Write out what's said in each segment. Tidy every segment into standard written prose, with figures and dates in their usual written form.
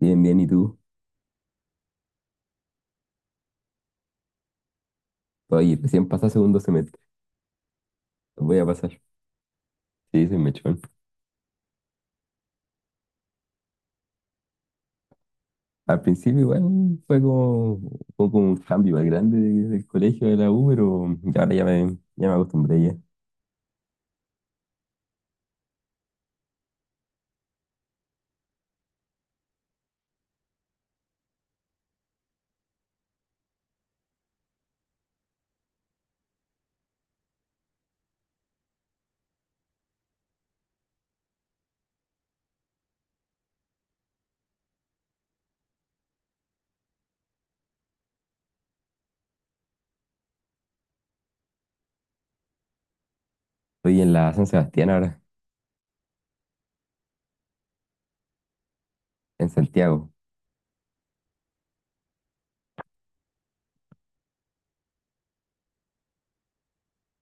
Bien, bien, ¿y tú? Oye, recién pasa segundo semestre. Lo voy a pasar. Sí, soy mechón. Al principio igual fue como un poco un cambio más grande del colegio de la U, pero ya ahora ya me acostumbré ya. Estoy en la San Sebastián ahora, en Santiago,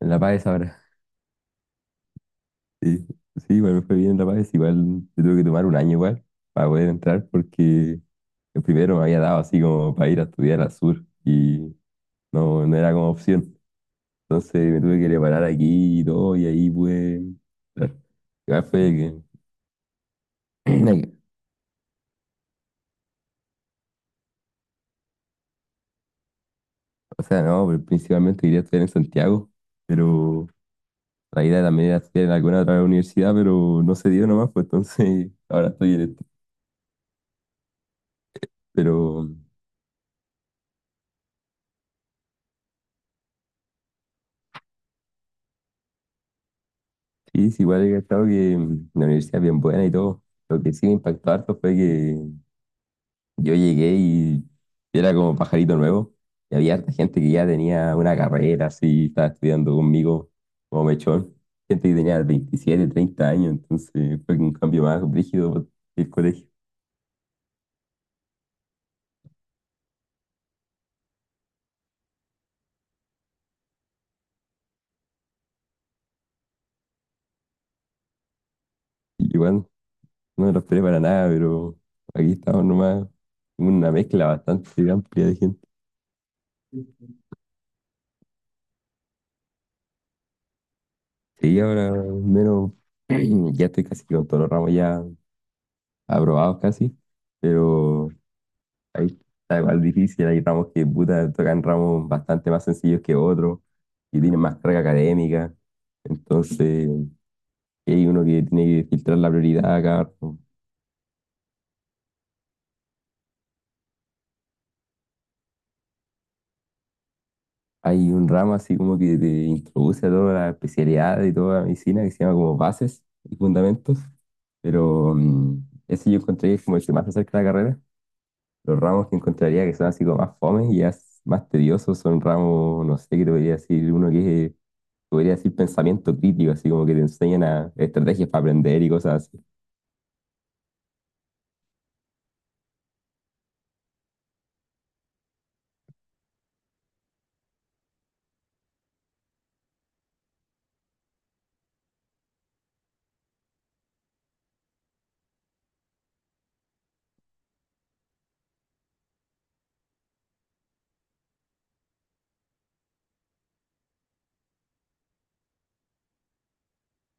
en La Paz ahora. Sí, sí, igual me fue bien en La Paz, igual yo tuve que tomar un año igual para poder entrar porque el primero me había dado así como para ir a estudiar al sur y no, no era como opción. Entonces me tuve que preparar aquí y todo y ahí pude entrar. Igual fue que, o sea, no, pero principalmente quería estudiar en Santiago, pero la idea también era estudiar en alguna otra universidad, pero no se dio nomás, pues entonces ahora estoy en esto. Pero sí, sí, igual he cachado que la universidad es bien buena y todo. Lo que sí me impactó harto fue que yo llegué y era como pajarito nuevo, y había harta gente que ya tenía una carrera, así, estaba estudiando conmigo como mechón, gente que tenía 27 30 años, entonces fue un cambio más rígido. El colegio. Igual no me lo esperé para nada, pero aquí estamos nomás. Una mezcla bastante amplia de gente. Sí, ahora al menos ya estoy casi con todos los ramos ya aprobados casi, pero ahí está igual difícil. Hay ramos que puta, tocan ramos bastante más sencillos que otros y tienen más carga académica. Entonces, hay uno que tiene que filtrar la prioridad a cada rato. Hay un ramo así como que te introduce a toda la especialidad y toda la medicina que se llama como bases y fundamentos. Pero ese yo encontré que es como el que más se acerca a la carrera. Los ramos que encontraría que son así como más fomes y ya más tediosos son ramos, no sé, qué te podría decir, uno que es, podría decir pensamiento crítico, así como que te enseñan a estrategias para aprender y cosas así.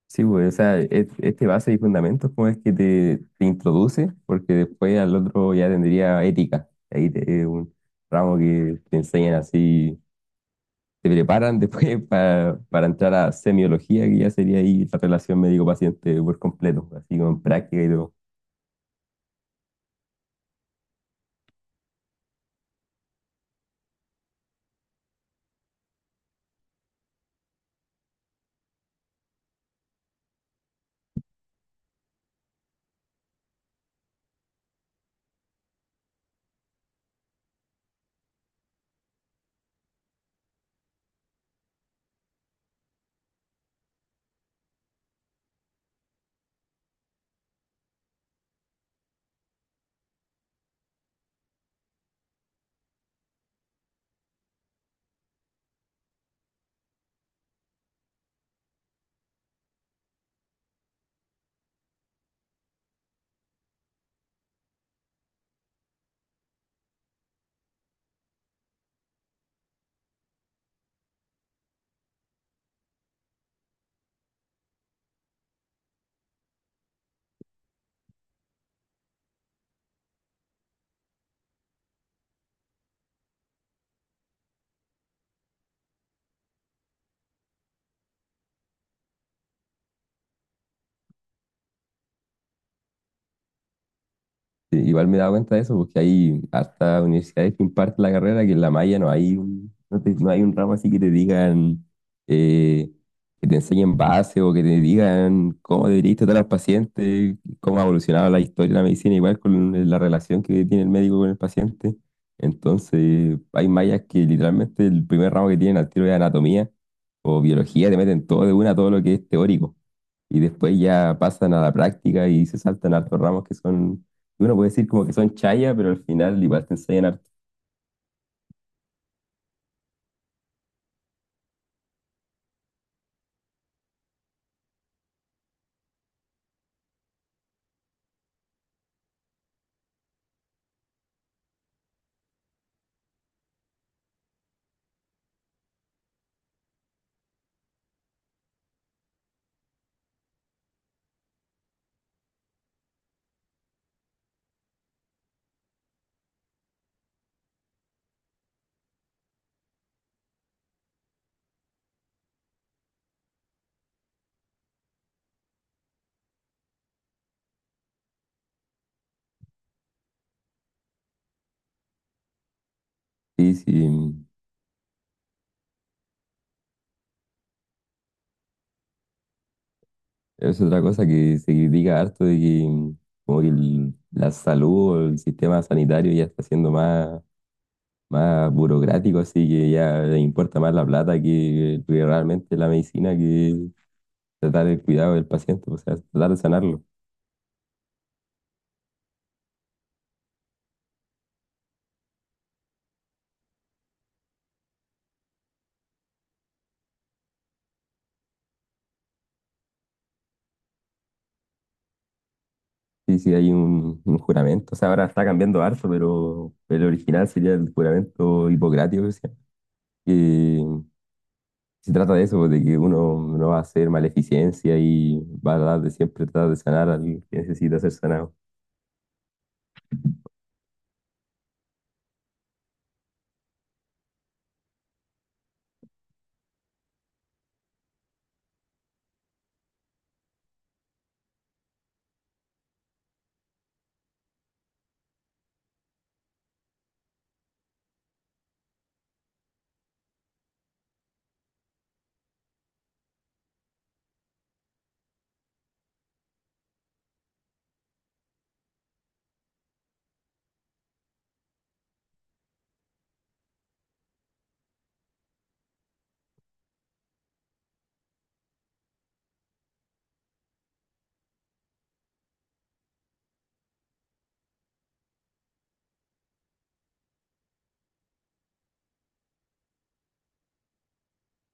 Sí, pues, o sea, este base y fundamentos como es que te introduce, porque después al otro ya tendría ética. Ahí es un ramo que te enseñan así, se preparan después para entrar a semiología, que ya sería ahí la relación médico-paciente por completo, así con práctica y todo. Sí, igual me he dado cuenta de eso, porque hay hasta universidades que imparten la carrera, que en la malla no hay un, no no hay un ramo así que te digan, eh, que te enseñen base o que te digan cómo deberías tratar al paciente, cómo ha evolucionado la historia de la medicina, igual con la relación que tiene el médico con el paciente. Entonces, hay mallas que literalmente el primer ramo que tienen al tiro es anatomía o biología, te meten todo de una, todo lo que es teórico. Y después ya pasan a la práctica y se saltan hartos ramos que son, uno puede decir como que son chaya, pero al final igual te enseñan harto. Sí, sí, es otra cosa que se critica harto de que como que la salud o el sistema sanitario ya está siendo más, más burocrático, así que ya le importa más la plata que realmente la medicina, que tratar el cuidado del paciente, o sea, tratar de sanarlo. Sí, sí, hay un juramento. O sea, ahora está cambiando harto, pero el original sería el juramento hipocrático, que se llama. Que se trata de eso, pues, de que uno no va a hacer maleficencia y va a dar de siempre tratar de sanar al que necesita ser sanado.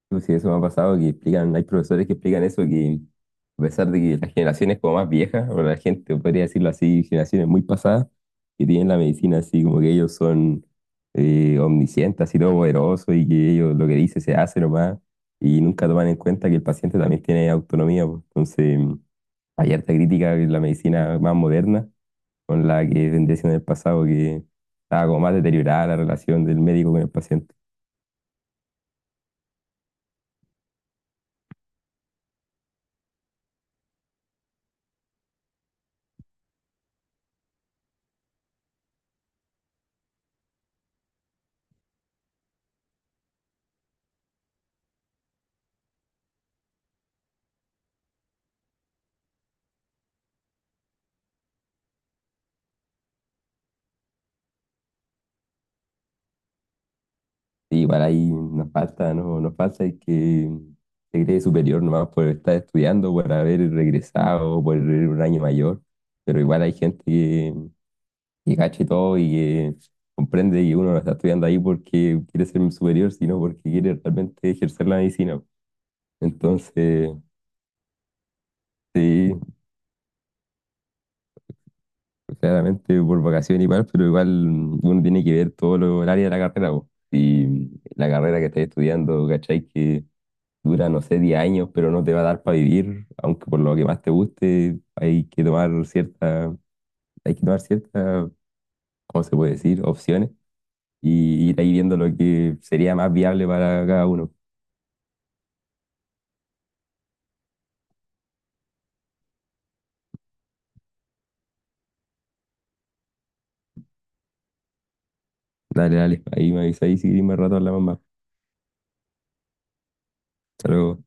Pues sí, eso me ha pasado, que explican, hay profesores que explican eso, que a pesar de que las generaciones como más viejas, o la gente, podría decirlo así, generaciones muy pasadas, que tienen la medicina así, como que ellos son omniscientes, así todo poderoso, y que ellos lo que dice se hace nomás, y nunca toman en cuenta que el paciente también tiene autonomía, pues. Entonces, hay harta crítica de la medicina más moderna con la que vendría siendo en el pasado, que estaba como más deteriorada la relación del médico con el paciente. Sí, igual ahí nos falta, ¿no? Nos falta el que se cree superior nomás por estar estudiando, por haber regresado, por ir un año mayor. Pero igual hay gente que cacha y todo y que comprende que uno no está estudiando ahí porque quiere ser un superior, sino porque quiere realmente ejercer la medicina. Entonces, sí, claramente por vocación igual, pero igual uno tiene que ver todo lo, el área de la carrera, po. Y la carrera que estás estudiando, ¿cachai? Que dura, no sé, 10 años, pero no te va a dar para vivir, aunque por lo que más te guste, hay que tomar cierta, hay que tomar ciertas, ¿cómo se puede decir? Opciones y ir ahí viendo lo que sería más viable para cada uno. Dale, dale, ahí me avisáis si queréis más rato hablamos más. Hasta luego.